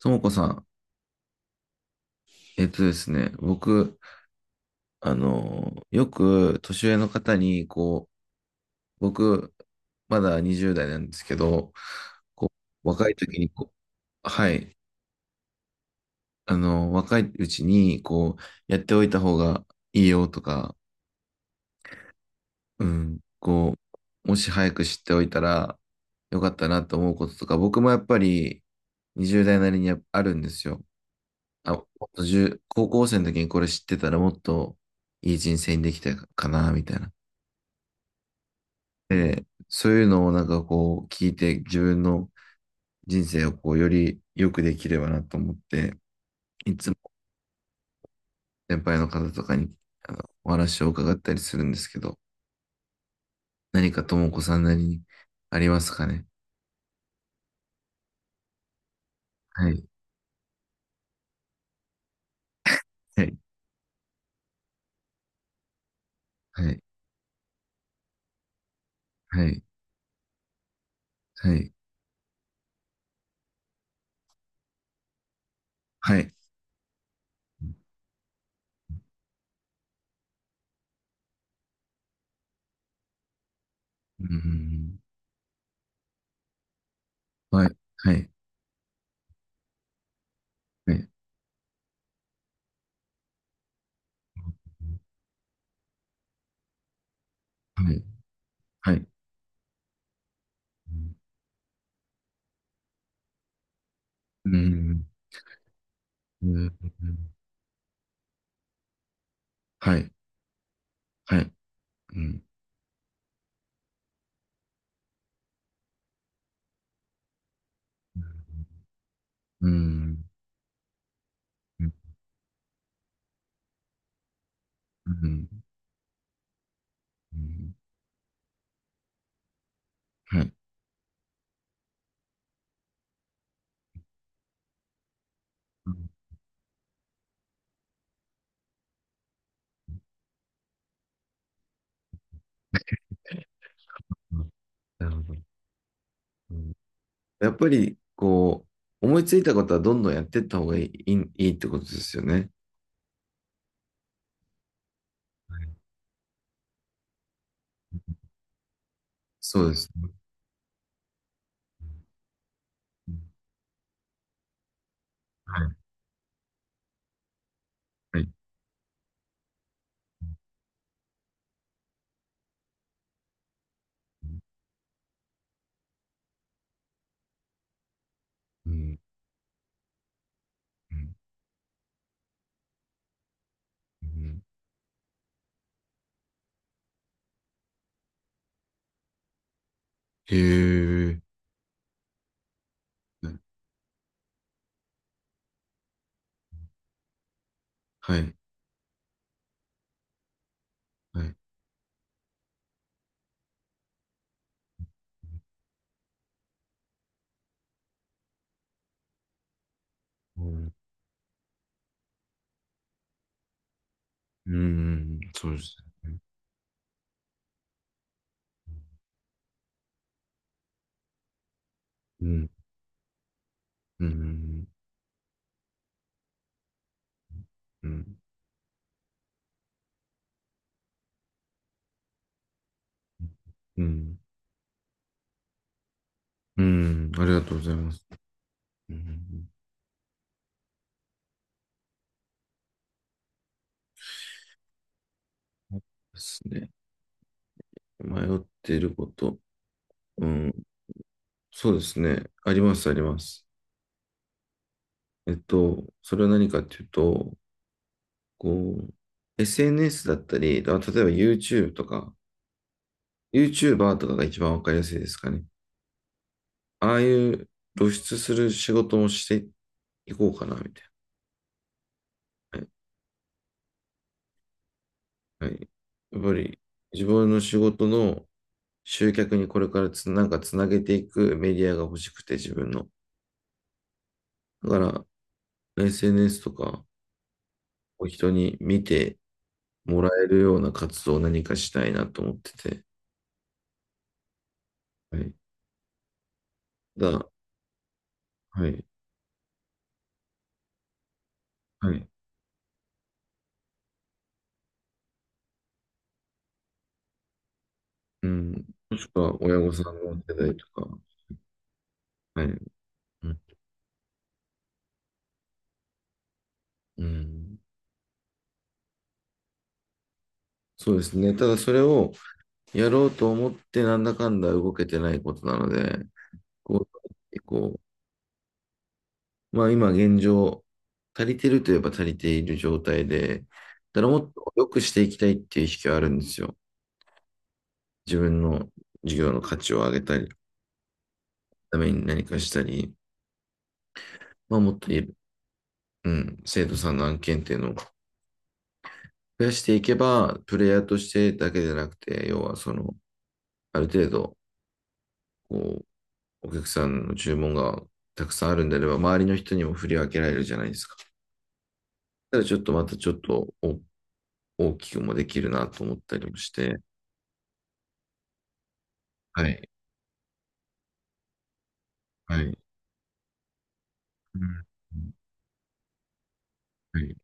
ともこさん、えっとですね、僕、よく年上の方に、こう、僕、まだ20代なんですけど、こう、若い時にこう、はい、若いうちに、こう、やっておいた方がいいよとか、うん、こう、もし早く知っておいたらよかったなと思うこととか、僕もやっぱり20代なりにやっぱあるんですよ。あ、もっと高校生の時にこれ知ってたら、もっといい人生にできたかな、みたいな。で、そういうのをなんかこう聞いて自分の人生をこうより良くできればなと思って、いつも先輩の方とかにあのお話を伺ったりするんですけど、何かともこさんなりにありますかね？はい、はい、はい、はい、はい、はい、うん、はい、はい、はい、はい、はい、うん、うん、はい、はい。うん、うん、うん、うん、うん、はい。うん、うん、なるほど。うん、やっぱり、こう、思いついたことはどんどんやっていった方がいい、いいいいってことですよね。はい、そうですね。うん、はい、はい。うん、うん、うん、へえ、はい、はい。うん、うん、そうですね。うん、うん、うん、うん、うん、うん、ありがとうございます。うん、そうですね。迷っていること。うん、そうですね。あります、あります。それは何かっていうと、こう、SNS だったり、あ、例えば YouTube とか、YouTuber とかが一番わかりやすいですかね。ああいう露出する仕事もしていこうかな、みたいな。はい。はい、やっぱり、自分の仕事の集客にこれからなんかつなげていくメディアが欲しくて、自分の。だから、SNS とか、を人に見てもらえるような活動を何かしたいなと思ってて。はい。だ、はい。はい。うん。もしくは親御さんの世代とか。はい。うん。うん、そうですね。ただそれをやろうと思ってなんだかんだ動けてないことなので、こう、こう、まあ今現状、足りてるといえば足りている状態で、ただもっと良くしていきたいっていう意識はあるんですよ。自分の事業の価値を上げたり、ために何かしたり、まあもっというん、生徒さんの案件っていうのを増やしていけば、プレイヤーとしてだけでなくて、要はその、ある程度、こう、お客さんの注文がたくさんあるんであれば、周りの人にも振り分けられるじゃないですか。ただちょっとまたちょっと大きくもできるなと思ったりもして、はい、はい、うん、はい、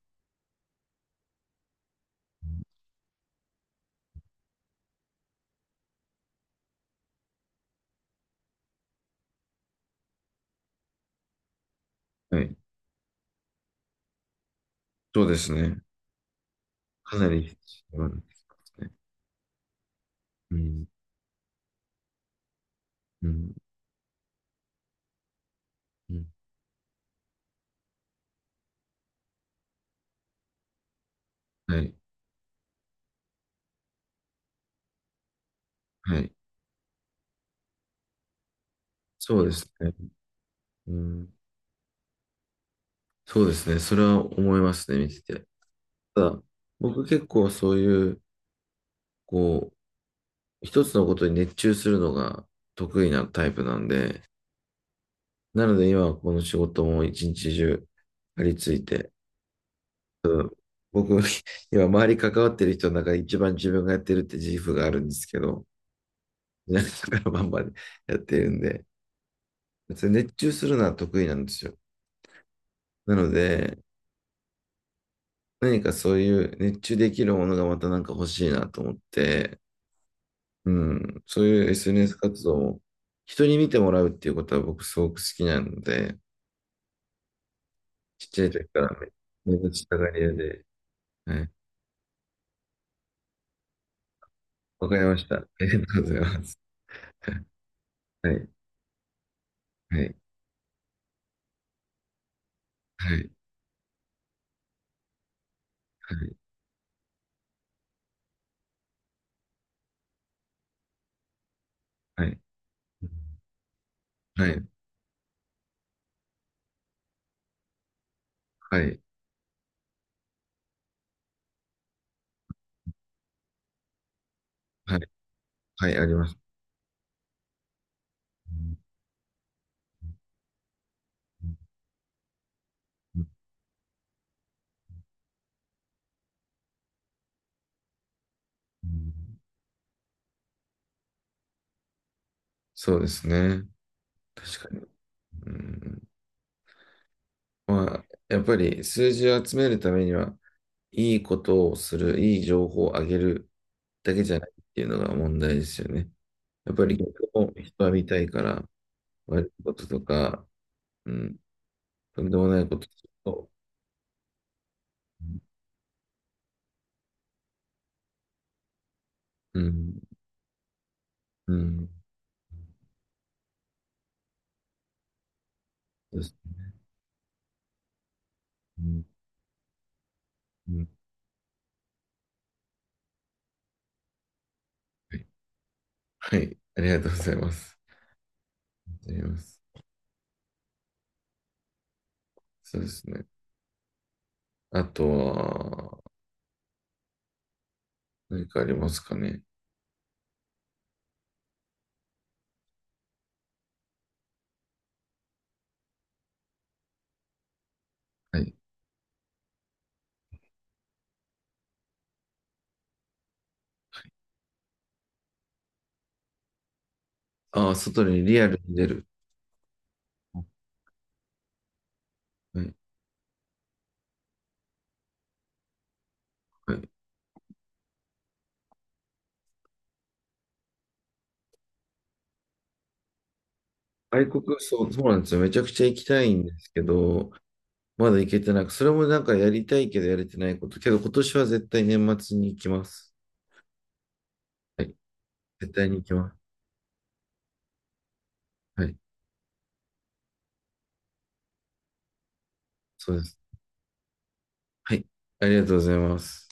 はい、そうですね。かなり必要なんですね。うん、うん、うん、はい、はい、そうですね。うん、そうですね。それは思いますね、見てて。ただ、僕結構そういう、こう、一つのことに熱中するのが得意なタイプなんで、なので今はこの仕事も一日中張り付いて、僕、今周り関わってる人の中で一番自分がやってるって自負があるんですけど、皆さんからバンバンやってるんで、別に熱中するのは得意なんですよ。なので、何かそういう熱中できるものがまたなんか欲しいなと思って、うん、そういう SNS 活動を人に見てもらうっていうことは僕すごく好きなので、ちっちゃい時から目立ちたがり屋で、はい。わかりました。ありがとうございます。はい、はい、はい、はい、はい、はい、はい、はい、はい、あります。うん、そうですね。確かに。うん、まあ、やっぱり数字を集めるためには、いいことをする、いい情報をあげるだけじゃないっていうのが問題ですよね。やっぱり逆も人は見たいから、悪いこととか、うん、とんでもないことすると、うん、うん、そうですね、うん、うん、はい、はい、ありがとうございます。ありがとうございます。そうですね。あとは、何かありますかね。はい。ああ、外にリアルに出る。はい。はい。外国、そう、そうなんですよ。めちゃくちゃ行きたいんですけど、まだ行けてなく、それもなんかやりたいけどやれてないこと。けど今年は絶対年末に行きます。はい。絶対に行きます。はい。そうです。はい。ありがとうございます。